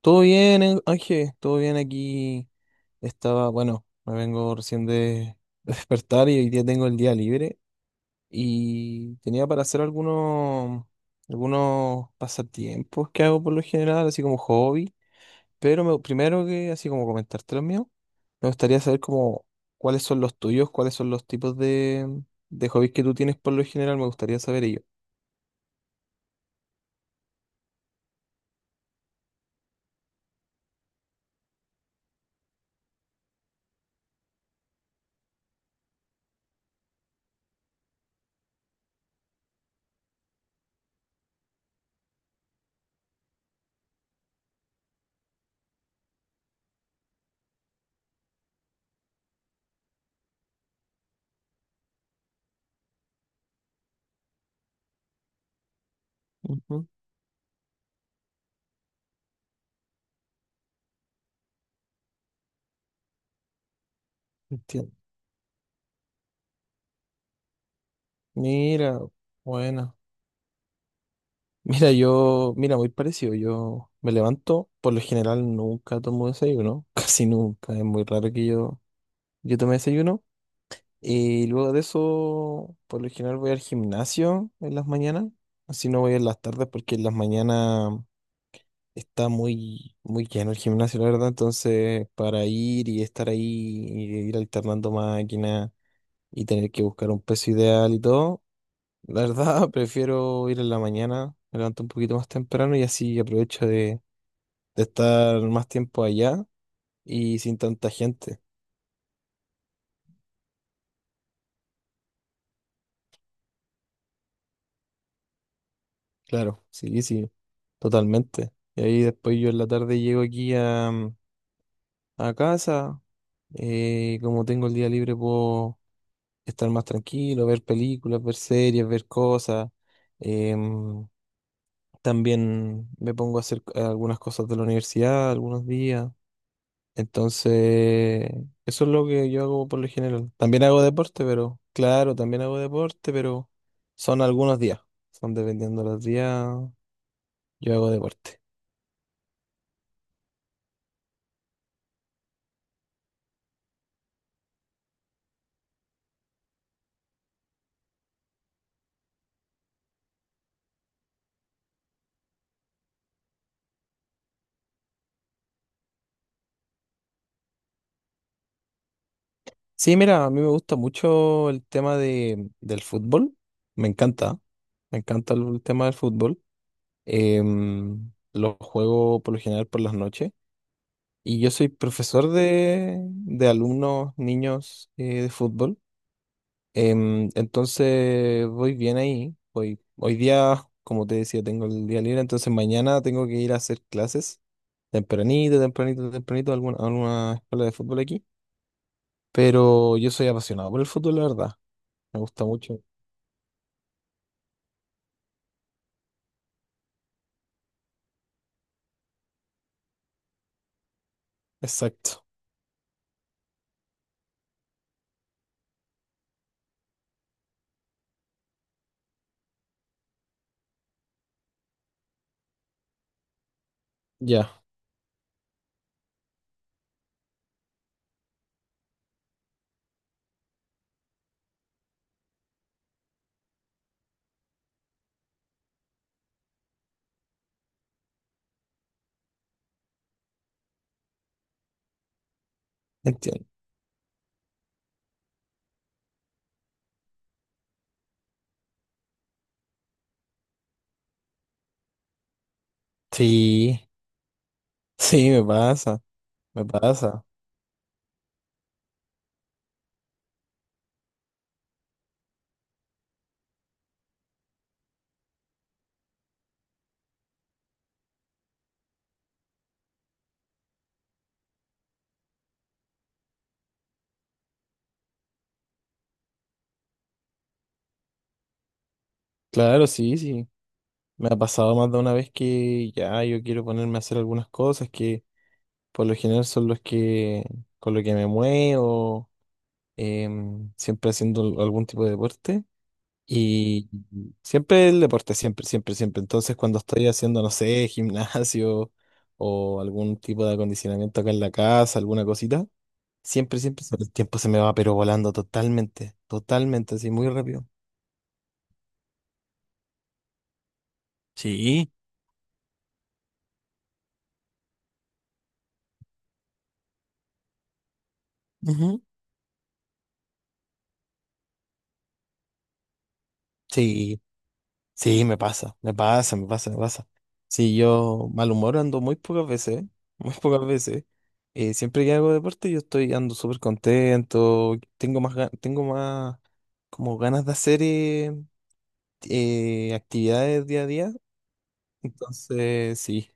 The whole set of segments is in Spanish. Todo bien, Ángel, todo bien aquí. Estaba, bueno, me vengo recién de, de despertar y hoy día tengo el día libre y tenía para hacer algunos pasatiempos que hago por lo general, así como hobby, pero primero que así como comentarte los míos, me gustaría saber como cuáles son los tuyos, cuáles son los tipos de hobbies que tú tienes por lo general, me gustaría saber ello. Ujú, entiendo. Mira, bueno. Mira, yo, mira, muy parecido. Yo me levanto, por lo general nunca tomo desayuno, casi nunca. Es muy raro que yo tome desayuno. Y luego de eso, por lo general voy al gimnasio en las mañanas. Así no voy en las tardes porque en las mañanas está muy, muy lleno el gimnasio, la verdad. Entonces, para ir y estar ahí y ir alternando máquinas y tener que buscar un peso ideal y todo. La verdad, prefiero ir en la mañana, me levanto un poquito más temprano y así aprovecho de estar más tiempo allá y sin tanta gente. Claro, sí, sí, totalmente. Y ahí después yo en la tarde llego aquí a casa, y como tengo el día libre puedo estar más tranquilo, ver películas, ver series, ver cosas. Em, también me pongo a hacer algunas cosas de la universidad algunos días. Entonces, eso es lo que yo hago por lo general. También hago deporte, pero claro, también hago deporte, pero son algunos días. Son dependiendo de los días, yo hago deporte. Sí, mira, a mí me gusta mucho el tema de, del fútbol. Me encanta. Me encanta el tema del fútbol. Lo juego por lo general por las noches. Y yo soy profesor de alumnos, niños de fútbol. Entonces voy bien ahí. Voy, hoy día, como te decía, tengo el día libre, entonces mañana tengo que ir a hacer clases tempranito a alguna escuela de fútbol aquí. Pero yo soy apasionado por el fútbol, la verdad. Me gusta mucho. Exacto. Ya, entiendo. Sí, sí, me pasa, me pasa. Claro, sí, sí. Me ha pasado más de una vez que ya yo quiero ponerme a hacer algunas cosas que por lo general son los que con lo que me muevo siempre haciendo algún tipo de deporte. Y siempre el deporte, siempre, siempre, siempre. Entonces, cuando estoy haciendo, no sé, gimnasio o algún tipo de acondicionamiento acá en la casa, alguna cosita, siempre, siempre, siempre el tiempo se me va, pero volando totalmente, totalmente, así muy rápido. Sí. Ujú. Sí. Sí, me pasa, me pasa, me pasa, me pasa. Sí, yo mal humor ando muy pocas veces, ¿eh? muy pocas veces. Siempre que hago deporte yo estoy ando súper contento, tengo más, tengo más como ganas de hacer actividades día a día. Entonces, sí,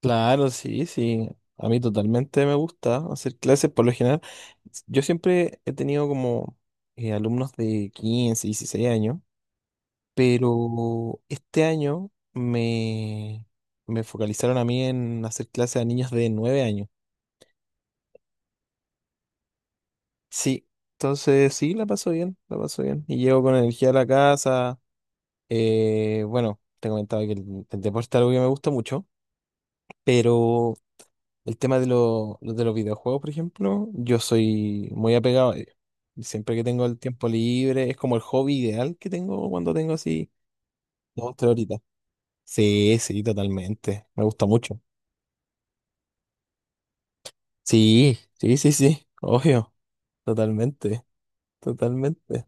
claro, sí, sí. A mí totalmente me gusta hacer clases, por lo general. Yo siempre he tenido como alumnos de 15, 16 años. Pero este año me focalizaron a mí en hacer clases a niños de 9 años. Sí, entonces sí, la paso bien, la paso bien. Y llego con energía a la casa. Bueno, te comentaba que el deporte es algo que me gusta mucho, pero el tema de, de los videojuegos, por ejemplo, yo soy muy apegado a ellos. Siempre que tengo el tiempo libre, es como el hobby ideal que tengo cuando tengo así 2, 3 horitas. Sí, sí, totalmente. Me gusta mucho. Sí, sí, sí, sí, obvio, totalmente, totalmente.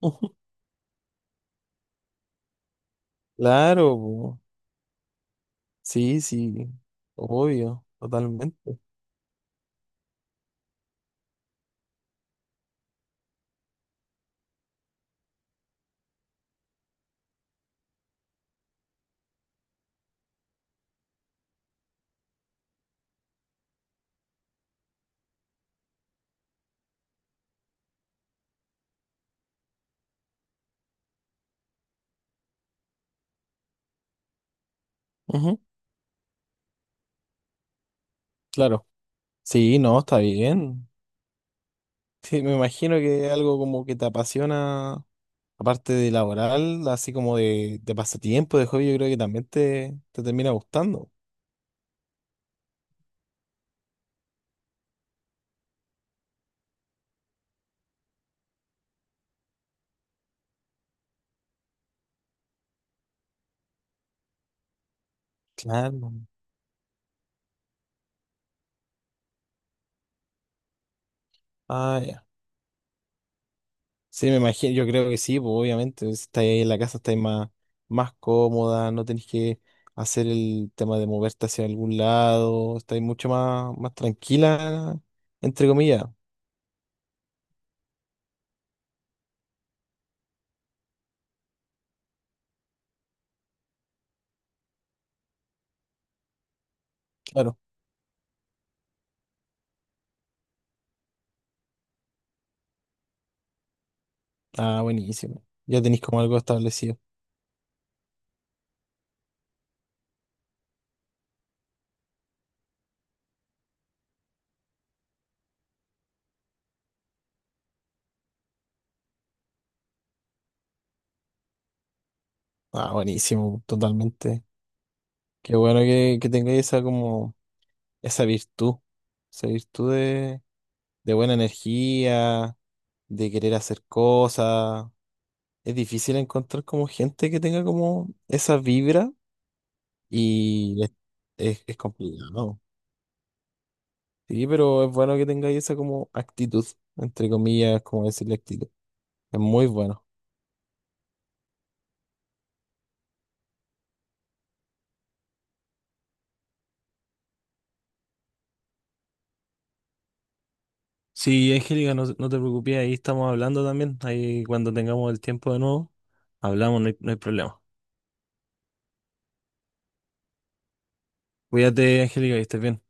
Ujú. Claro, po, sí, sí, obvio, totalmente. Ujú, claro, sí, no, está bien. Sí, me imagino que es algo como que te apasiona, aparte de laboral, así como de pasatiempo, de hobby, yo creo que también te termina gustando. Claro. Ah. Sí, me imagino, yo creo que sí, pues obviamente, si estáis ahí en la casa, estáis más, más cómoda, no tenéis que hacer el tema de moverte hacia algún lado, estáis mucho más, más tranquila, entre comillas, claro. Ah, buenísimo. Ya tenéis como algo establecido. Ah, buenísimo, totalmente. Qué bueno que tengáis esa como, esa virtud, esa virtud de buena energía, de querer hacer cosas. Es difícil encontrar como gente que tenga como esa vibra. Y es, es complicado. Sí, pero es bueno que tengáis esa como actitud, entre comillas, como decirle actitud. Es muy bueno. Sí, Angélica, no, no te preocupes, ahí estamos hablando también. Ahí cuando tengamos el tiempo de nuevo, hablamos, no hay, no hay problema. Cuídate, Angélica, y estés bien.